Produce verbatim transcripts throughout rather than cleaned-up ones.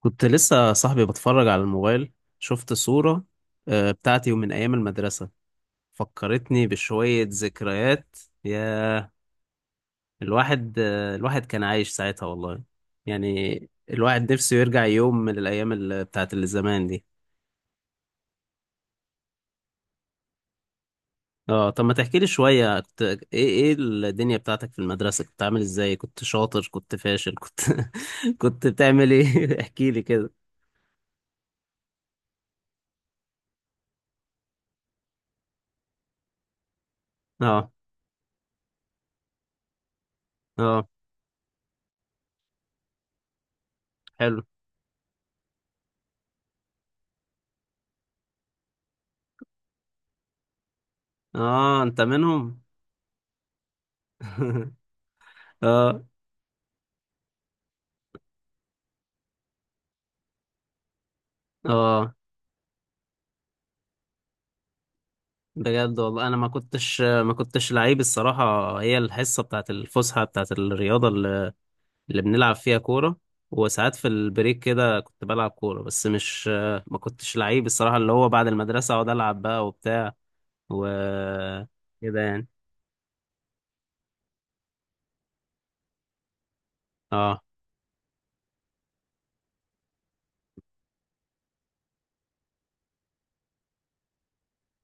كنت لسه صاحبي بتفرج على الموبايل، شفت صورة آه، بتاعتي ومن أيام المدرسة. فكرتني بشوية ذكريات يا. الواحد آه، الواحد كان عايش ساعتها والله. يعني الواحد نفسه يرجع يوم من الأيام ال- بتاعت اللي زمان دي. اه، طب ما تحكي لي شوية، كنت إيه إيه الدنيا بتاعتك في المدرسة؟ كنت عامل إزاي؟ كنت شاطر؟ كنت فاشل؟ كنت كنت بتعمل إيه؟ احكي لي كده. اه، اه، حلو. اه، أنت منهم. اه، اه. بجد والله، انا ما كنتش ما كنتش لعيب الصراحه. هي الحصه بتاعت الفسحه بتاعت الرياضه اللي, اللي بنلعب فيها كوره. وساعات في البريك كده كنت بلعب كوره، بس مش، ما كنتش لعيب الصراحه، اللي هو بعد المدرسه اقعد العب بقى وبتاع. و كده يعني. اه،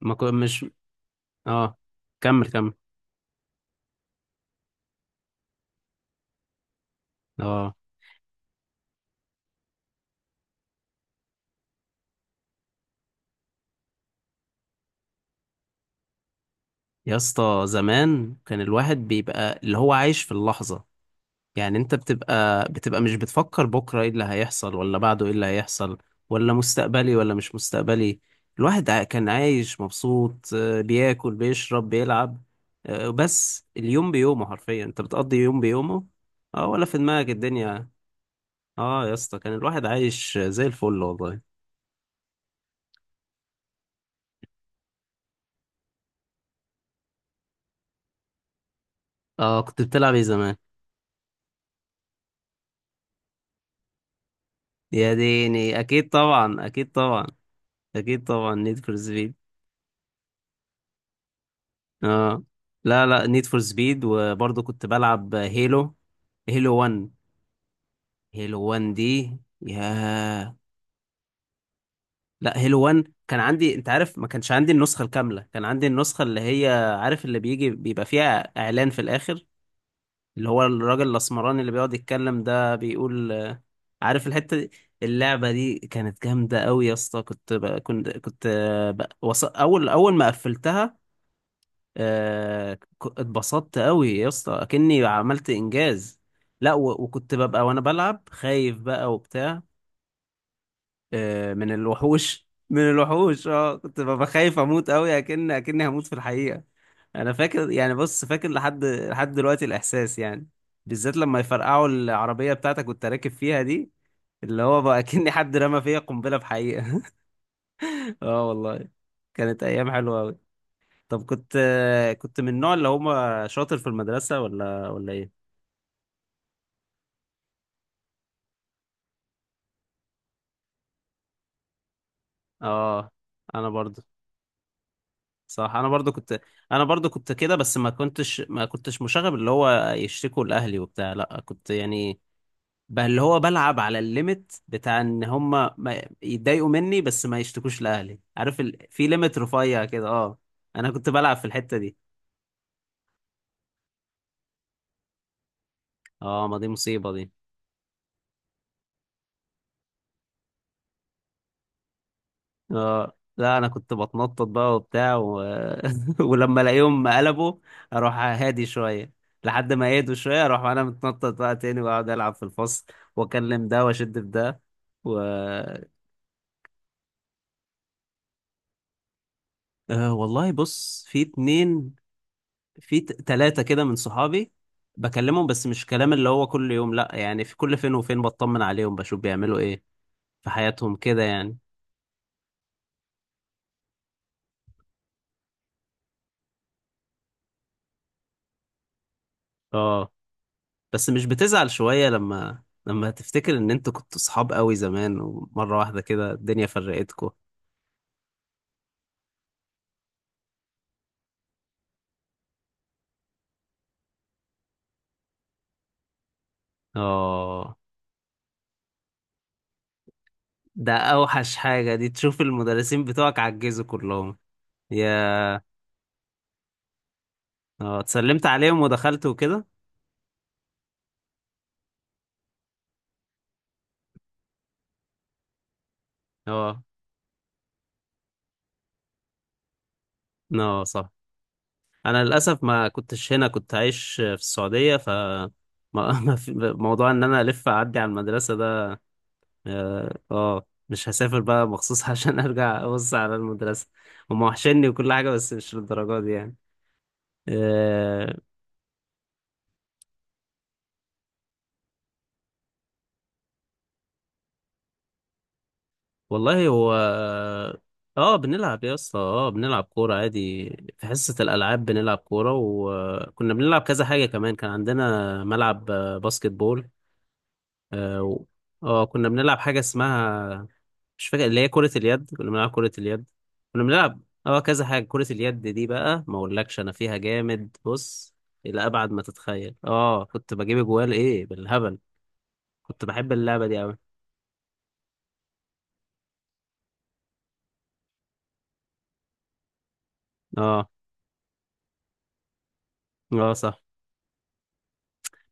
ما كنت، مش، اه، كمل كمل. اه، يا اسطى، زمان كان الواحد بيبقى اللي هو عايش في اللحظه. يعني انت بتبقى بتبقى مش بتفكر بكرة ايه اللي هيحصل ولا بعده ايه اللي هيحصل، ولا مستقبلي ولا مش مستقبلي. الواحد ع- كان عايش مبسوط، آه، بياكل بيشرب بيلعب. آه، بس اليوم بيومه حرفيا انت بتقضي يوم بيومه. اه، ولا في دماغك الدنيا. اه، يا اسطى كان الواحد عايش زي الفل والله. اه، كنت بتلعب ايه زمان؟ يا ديني، اكيد طبعا، اكيد طبعا، اكيد طبعا، نيد فور. اه، لا لا، نيد فور سبيد. وبرضه كنت بلعب هيلو هيلو واحد. هيلو واحد دي، يا. لا، هيلو واحد كان عندي، انت عارف ما كانش عندي النسخة الكاملة، كان عندي النسخة اللي هي، عارف اللي بيجي بيبقى فيها اعلان في الاخر، اللي هو الراجل الاسمراني اللي بيقعد يتكلم ده، بيقول آه، عارف الحتة دي. اللعبة دي كانت جامدة قوي يا اسطى. كنت ب... كنت كنت آه، ب... وص... اول اول ما قفلتها. آه، ك- اتبسطت قوي يا اسطى، اكني عملت انجاز. لا، و- وكنت ببقى وانا بلعب خايف بقى وبتاع، آه، من الوحوش. من الوحوش، اه كنت ببقى خايف اموت قوي، اكن اكني هموت في الحقيقة. انا فاكر، يعني بص فاكر لحد لحد دلوقتي الاحساس يعني، بالذات لما يفرقعوا العربية بتاعتك كنت راكب فيها دي، اللي هو بقى اكني حد رمى فيا قنبلة بحقيقة. اه والله. كانت ايام حلوة أوي. طب كنت كنت من النوع اللي هما شاطر في المدرسة، ولا ولا ايه؟ اه، انا برضو. صح، انا برضو كنت. انا برضو كنت كده، بس ما كنتش ما كنتش مشاغب اللي هو يشتكوا لاهلي وبتاع، لا، كنت يعني، بقى اللي هو بلعب على الليميت بتاع ان هما ما يتضايقوا مني، بس ما يشتكوش لاهلي، عارف ال... في ليميت رفيع كده، اه. انا كنت بلعب في الحتة دي. اه، ما دي مصيبة دي. اه، لا، انا كنت بتنطط بقى وبتاع و... ولما الاقيهم قلبوا، اروح هادي شويه، لحد ما يهدوا شويه اروح انا متنطط بقى تاني واقعد العب في الفصل، واكلم ده واشد في ده و... آه والله، بص في اتنين، في ت- تلاتة كده من صحابي، بكلمهم. بس مش كلام اللي هو كل يوم، لا، يعني في كل فين وفين بطمن عليهم، بشوف بيعملوا ايه في حياتهم كده يعني. اه، بس مش بتزعل شوية لما لما تفتكر ان انتوا كنتوا صحاب قوي زمان، ومرة واحدة كده الدنيا فرقتكم. اه، ده اوحش حاجة، دي تشوف المدرسين بتوعك عجزوا كلهم. يا. اه، اتسلمت عليهم ودخلت وكده. اه، اه، صح. انا للاسف ما كنتش هنا، كنت عايش في السعودية، ف ما- ما في- موضوع ان انا الف اعدي على المدرسة ده. اه، آه، مش هسافر بقى مخصوص عشان ارجع ابص على المدرسة. هم وحشني وكل حاجة، بس مش للدرجة دي يعني. آه والله. هو، اه، بنلعب يا اسطى. اه، بنلعب كورة عادي. في حصة الألعاب بنلعب كورة، وكنا بنلعب كذا حاجة كمان. كان عندنا ملعب آه، باسكت بول، اه، و- آه، كنا بنلعب حاجة اسمها، مش فاكر، اللي هي كرة اليد. كنا بنلعب كرة اليد، كنا بنلعب، اه، كذا حاجة. كرة اليد دي بقى، ما اقولكش انا فيها جامد، بص، إلى أبعد ما تتخيل. اه، كنت بجيب جوال ايه بالهبل، كنت بحب اللعبة دي أوي. اه، اه، صح.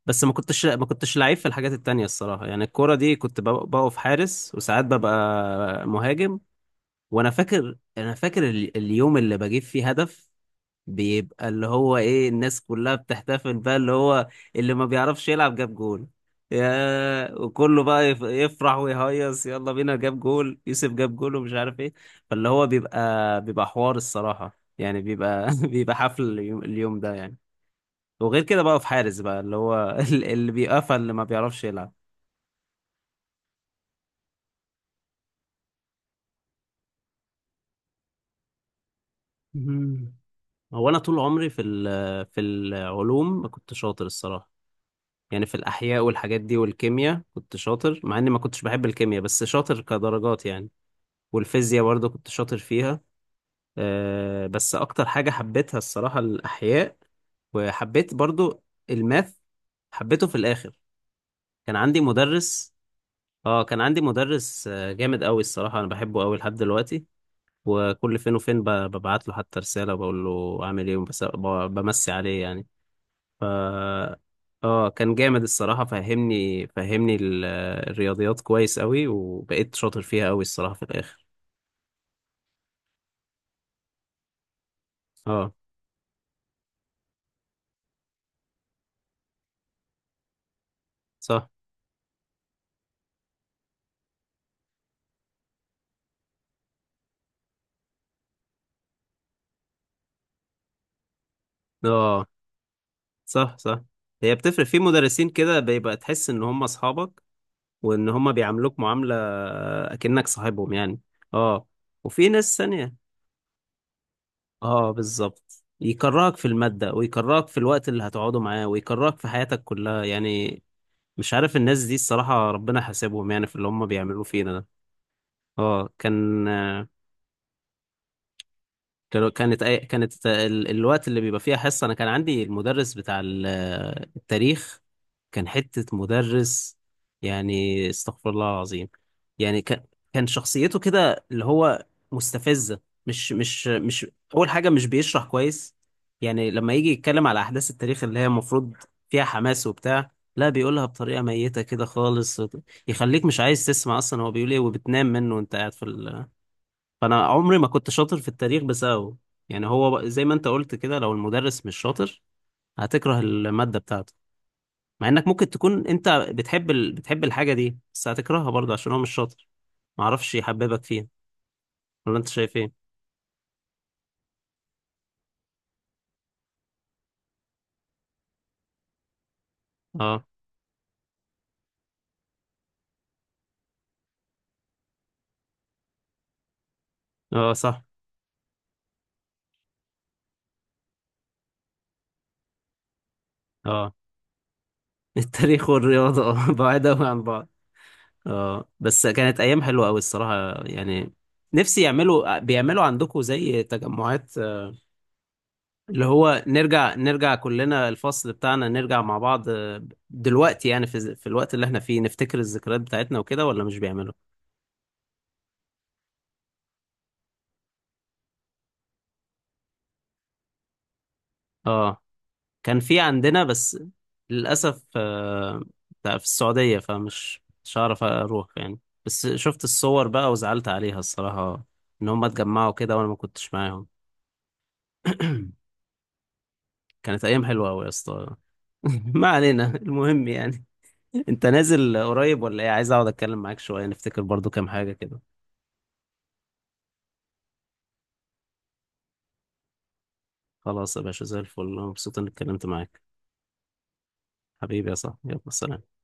بس ما كنتش ما كنتش لعيب في الحاجات التانية الصراحة يعني، الكورة دي كنت بق- بقف حارس، وساعات ببقى مهاجم. وانا فاكر انا فاكر ال- اليوم اللي بجيب فيه هدف، بيبقى اللي هو ايه، الناس كلها بتحتفل بقى اللي هو، اللي ما بيعرفش يلعب جاب جول. يا، وكله بقى يف- يفرح ويهيص، يلا بينا جاب جول، يوسف جاب جول، ومش عارف ايه. فاللي هو بيبقى بيبقى حوار الصراحة يعني، بيبقى بيبقى حفل اليوم اليوم ده يعني. وغير كده بقى، في حارس بقى اللي هو اللي بيقفل، اللي ما بيعرفش يلعب. مم. هو انا طول عمري في ال- في العلوم ما كنت شاطر الصراحه، يعني في الاحياء والحاجات دي والكيمياء كنت شاطر، مع اني ما كنتش بحب الكيمياء بس شاطر كدرجات يعني. والفيزياء برضه كنت شاطر فيها. أه، بس اكتر حاجه حبيتها الصراحه الاحياء. وحبيت برضه الماث، حبيته في الاخر. كان عندي مدرس. اه، كان عندي مدرس آه، جامد قوي الصراحه، انا بحبه قوي لحد دلوقتي. وكل فين وفين ب- ببعت له حتى رسالة وبقول له عامل ايه، بس بمسي عليه يعني. ف، اه، كان جامد الصراحة، فهمني فهمني ال- الرياضيات كويس قوي، وبقيت شاطر فيها قوي الصراحة في الآخر. اه، صح، اه، صح، صح. هي بتفرق، في مدرسين كده بيبقى تحس ان هم اصحابك، وان هم بيعاملوك معاملة اكنك صاحبهم يعني. اه، وفي ناس ثانية، اه، بالظبط، يكرهك في المادة، ويكرهك في الوقت اللي هتقعده معاه، ويكرهك في حياتك كلها يعني. مش عارف الناس دي الصراحة، ربنا حاسبهم يعني في اللي هم بيعملوه فينا ده. اه، كان، كانوا- كانت أي... كانت ال- الوقت اللي بيبقى فيها حصة أنا، كان عندي المدرس بتاع ال- التاريخ، كان حتة مدرس يعني، استغفر الله العظيم. يعني كان كان شخصيته كده اللي هو مستفزة. مش مش مش أول حاجة مش بيشرح كويس، يعني لما يجي يتكلم على أحداث التاريخ اللي هي المفروض فيها حماس وبتاع، لا بيقولها بطريقة ميتة كده خالص، يخليك مش عايز تسمع أصلا هو بيقول إيه، وبتنام منه وأنت قاعد في. فانا عمري ما كنت شاطر في التاريخ بسببه. يعني هو بق- زي ما انت قلت كده، لو المدرس مش شاطر هتكره المادة بتاعته، مع انك ممكن تكون انت بتحب ال... بتحب الحاجة دي، بس هتكرهها برضه عشان هو مش شاطر، معرفش يحببك فيها. ولا انت شايف ايه؟ اه، اه، صح، اه. التاريخ والرياضة، اه بعاد قوي عن بعض. اه، بس كانت ايام حلوة قوي الصراحة يعني. نفسي يعملوا بيعملوا عندكم زي تجمعات، اللي هو نرجع نرجع كلنا الفصل بتاعنا نرجع مع بعض، آه، دلوقتي يعني في في الوقت اللي احنا فيه نفتكر الذكريات بتاعتنا وكده، ولا مش بيعملوا؟ اه، كان في عندنا بس للأسف، آه، ده في السعودية، فمش مش هعرف اروح يعني. بس شفت الصور بقى وزعلت عليها الصراحة، ان هم اتجمعوا كده وانا ما كنتش معاهم. كانت ايام حلوة قوي يا اسطى. ما علينا، المهم يعني، انت نازل قريب ولا ايه؟ عايز اقعد اتكلم معاك شوية، نفتكر برضو كام حاجة كده. خلاص يا باشا، زي الفل، أنا مبسوط إني اتكلمت معاك. حبيبي يا صاحبي، يلا، سلام.